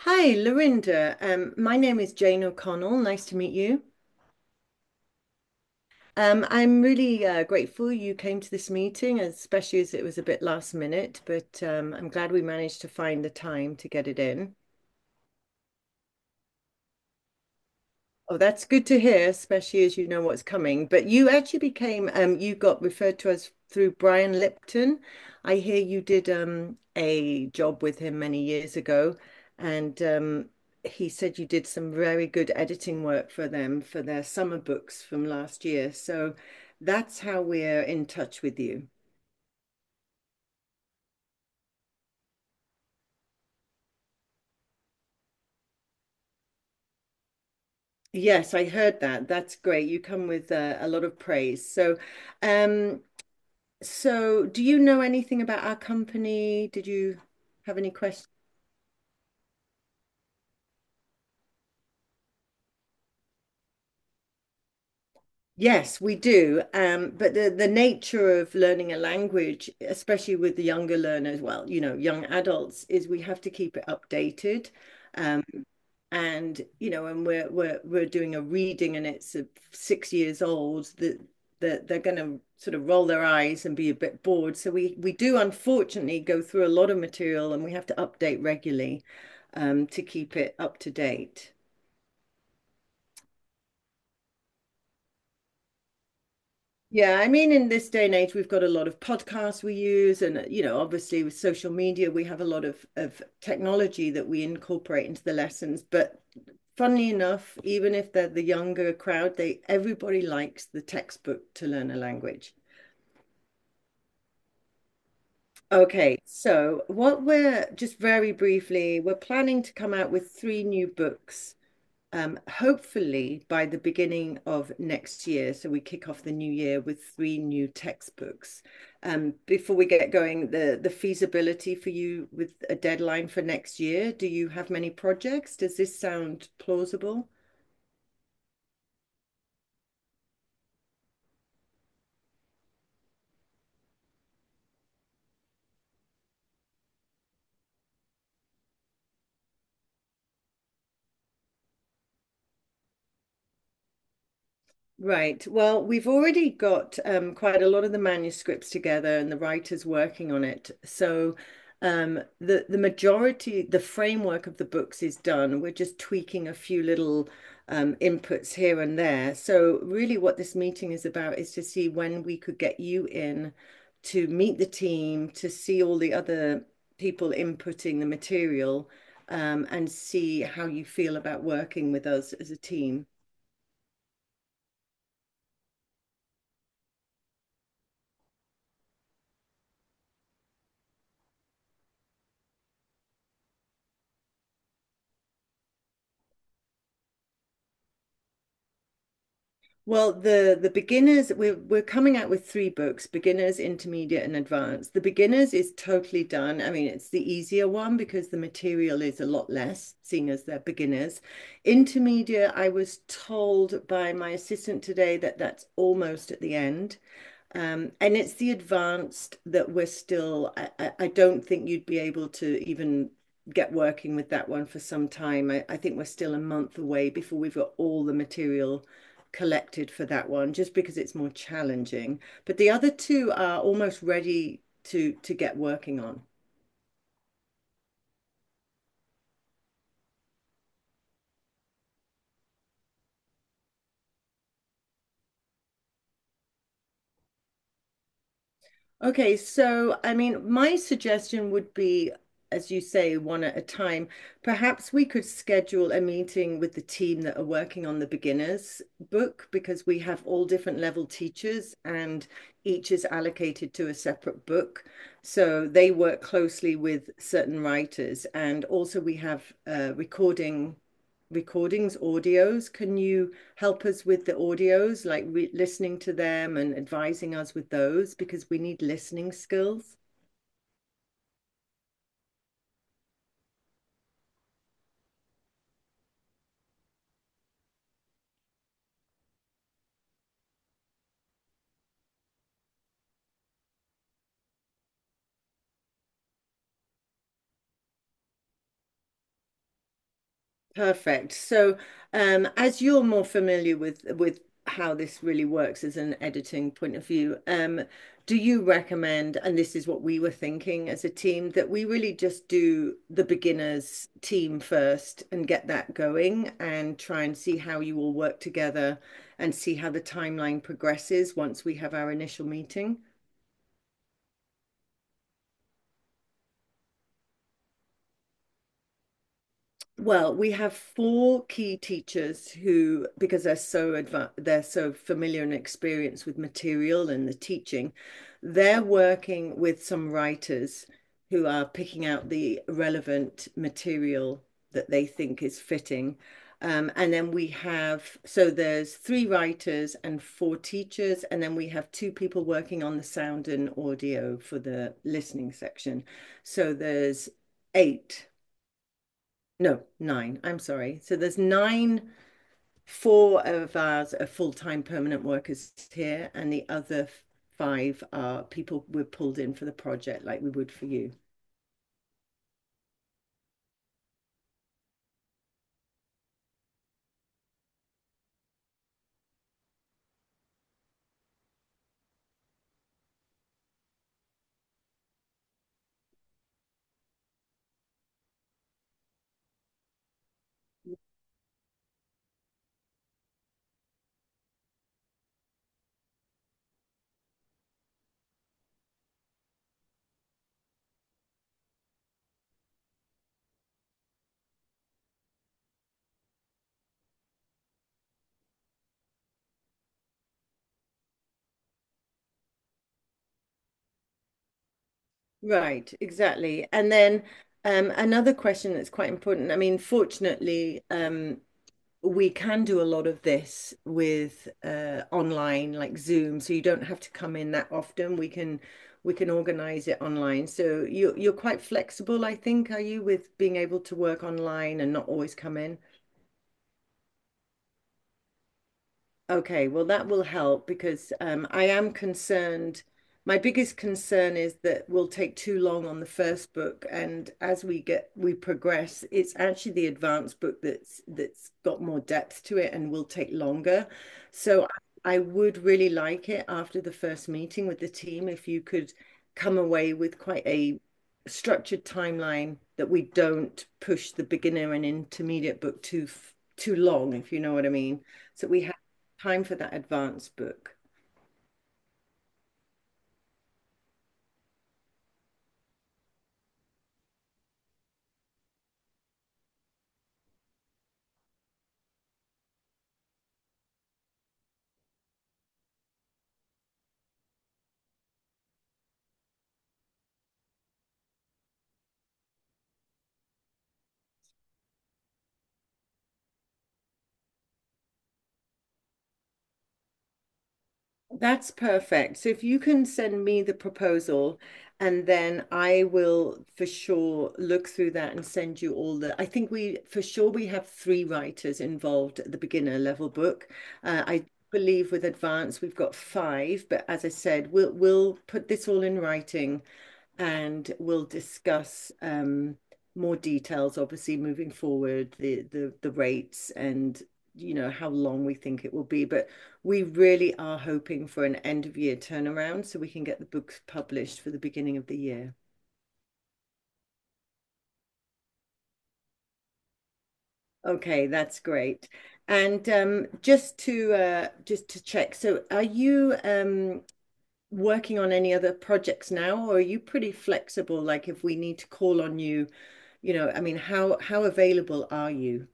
Hi, Lorinda. My name is Jane O'Connell. Nice to meet you. I'm really grateful you came to this meeting, especially as it was a bit last minute, but I'm glad we managed to find the time to get it in. Oh, that's good to hear, especially as you know what's coming. But you actually became, you got referred to us through Brian Lipton. I hear you did a job with him many years ago, and he said you did some very good editing work for them for their summer books from last year. So that's how we're in touch with you. Yes, I heard that. That's great. You come with a lot of praise. Um, So, do you know anything about our company? Did you have any questions? Yes, we do. But the nature of learning a language, especially with the younger learners, well, you know, young adults, is we have to keep it updated. Um, and you know, and we're doing a reading and it's 6 years old that they're going to sort of roll their eyes and be a bit bored, so we do unfortunately go through a lot of material, and we have to update regularly to keep it up to date. Yeah, I mean, in this day and age, we've got a lot of podcasts we use, and you know, obviously with social media, we have a lot of technology that we incorporate into the lessons. But funnily enough, even if they're the younger crowd, they everybody likes the textbook to learn a language. Okay, so what we're just very briefly, we're planning to come out with three new books hopefully by the beginning of next year. So we kick off the new year with three new textbooks. Before we get going, the feasibility for you with a deadline for next year, do you have many projects? Does this sound plausible? Right. Well, we've already got quite a lot of the manuscripts together and the writers working on it. So the majority, the framework of the books is done. We're just tweaking a few little inputs here and there. So really, what this meeting is about is to see when we could get you in to meet the team, to see all the other people inputting the material, and see how you feel about working with us as a team. Well, the beginners we're coming out with three books: beginners, intermediate, and advanced. The beginners is totally done. I mean, it's the easier one because the material is a lot less, seeing as they're beginners. Intermediate, I was told by my assistant today that that's almost at the end. And it's the advanced that we're still, I don't think you'd be able to even get working with that one for some time. I think we're still a month away before we've got all the material collected for that one, just because it's more challenging. But the other two are almost ready to get working on. Okay, so I mean, my suggestion would be, as you say, one at a time. Perhaps we could schedule a meeting with the team that are working on the beginners book, because we have all different level teachers and each is allocated to a separate book. So they work closely with certain writers. And also we have recordings, audios. Can you help us with the audios, like listening to them and advising us with those, because we need listening skills. Perfect. So, as you're more familiar with how this really works as an editing point of view, do you recommend? And this is what we were thinking as a team, that we really just do the beginners team first and get that going, and try and see how you all work together, and see how the timeline progresses once we have our initial meeting. Well, we have four key teachers who, because they're so advanced, they're so familiar and experienced with material and the teaching, they're working with some writers who are picking out the relevant material that they think is fitting. And then we have, so there's three writers and four teachers, and then we have two people working on the sound and audio for the listening section. So there's eight, no, nine. I'm sorry. So there's nine, four of us are full-time permanent workers here, and the other five are people we're pulled in for the project, like we would for you. Right, exactly. And then another question that's quite important. I mean, fortunately, we can do a lot of this with online like Zoom, so you don't have to come in that often. We can organize it online. So you you're quite flexible, I think, are you, with being able to work online and not always come in? Okay, well, that will help because I am concerned. My biggest concern is that we'll take too long on the first book, and as we progress, it's actually the advanced book that's got more depth to it and will take longer. So I would really like it, after the first meeting with the team, if you could come away with quite a structured timeline that we don't push the beginner and intermediate book too long, if you know what I mean. So we have time for that advance book. That's perfect. So if you can send me the proposal, and then I will for sure look through that and send you all the. I think we for sure we have three writers involved at the beginner level book. I believe with advanced we've got five, but as I said, we'll put this all in writing, and we'll discuss more details, obviously moving forward, the rates and you know how long we think it will be. But we really are hoping for an end of year turnaround so we can get the books published for the beginning of the year. Okay, that's great. And just to check, so are you working on any other projects now, or are you pretty flexible? Like if we need to call on you, you know, I mean, how available are you?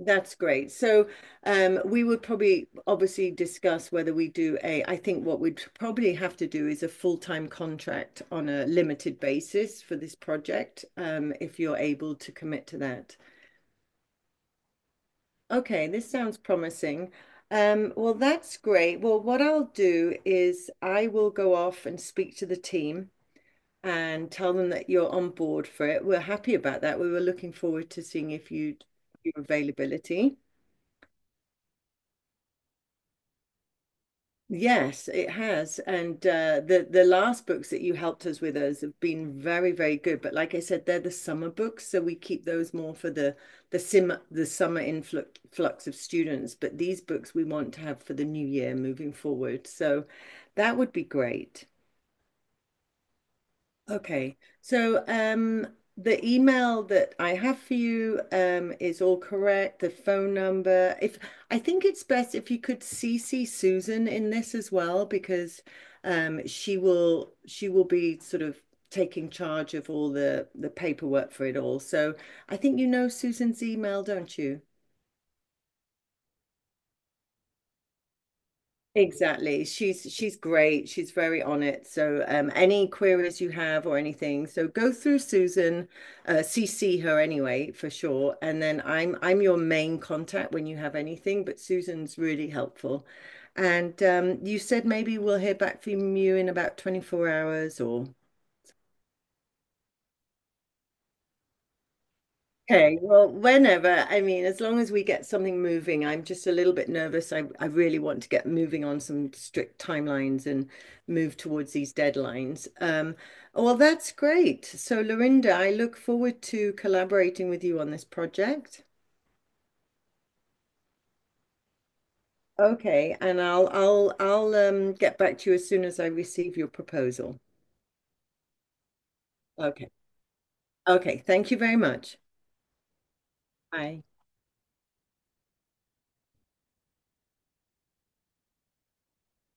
That's great. So, we would probably obviously discuss whether we do a, I think what we'd probably have to do is a full-time contract on a limited basis for this project, if you're able to commit to that. Okay, this sounds promising. Well, that's great. Well, what I'll do is I will go off and speak to the team and tell them that you're on board for it. We're happy about that. We were looking forward to seeing if you'd your availability. Yes, it has. And the last books that you helped us with us have been very, very good. But like I said, they're the summer books, so we keep those more for the sim the summer influx flux of students. But these books we want to have for the new year moving forward. So that would be great. Okay. So the email that I have for you is all correct. The phone number. If I think it's best if you could CC Susan in this as well, because she will be sort of taking charge of all the paperwork for it all. So I think you know Susan's email, don't you? Exactly. She's great. She's very on it. So any queries you have or anything, so go through Susan, CC her anyway for sure. And then I'm your main contact when you have anything, but Susan's really helpful. And you said maybe we'll hear back from you in about 24 hours or Okay, well, whenever, I mean, as long as we get something moving, I'm just a little bit nervous. I really want to get moving on some strict timelines and move towards these deadlines. Oh, well, that's great. So, Lorinda, I look forward to collaborating with you on this project. Okay, and I'll get back to you as soon as I receive your proposal. Okay. Okay, thank you very much. Bye.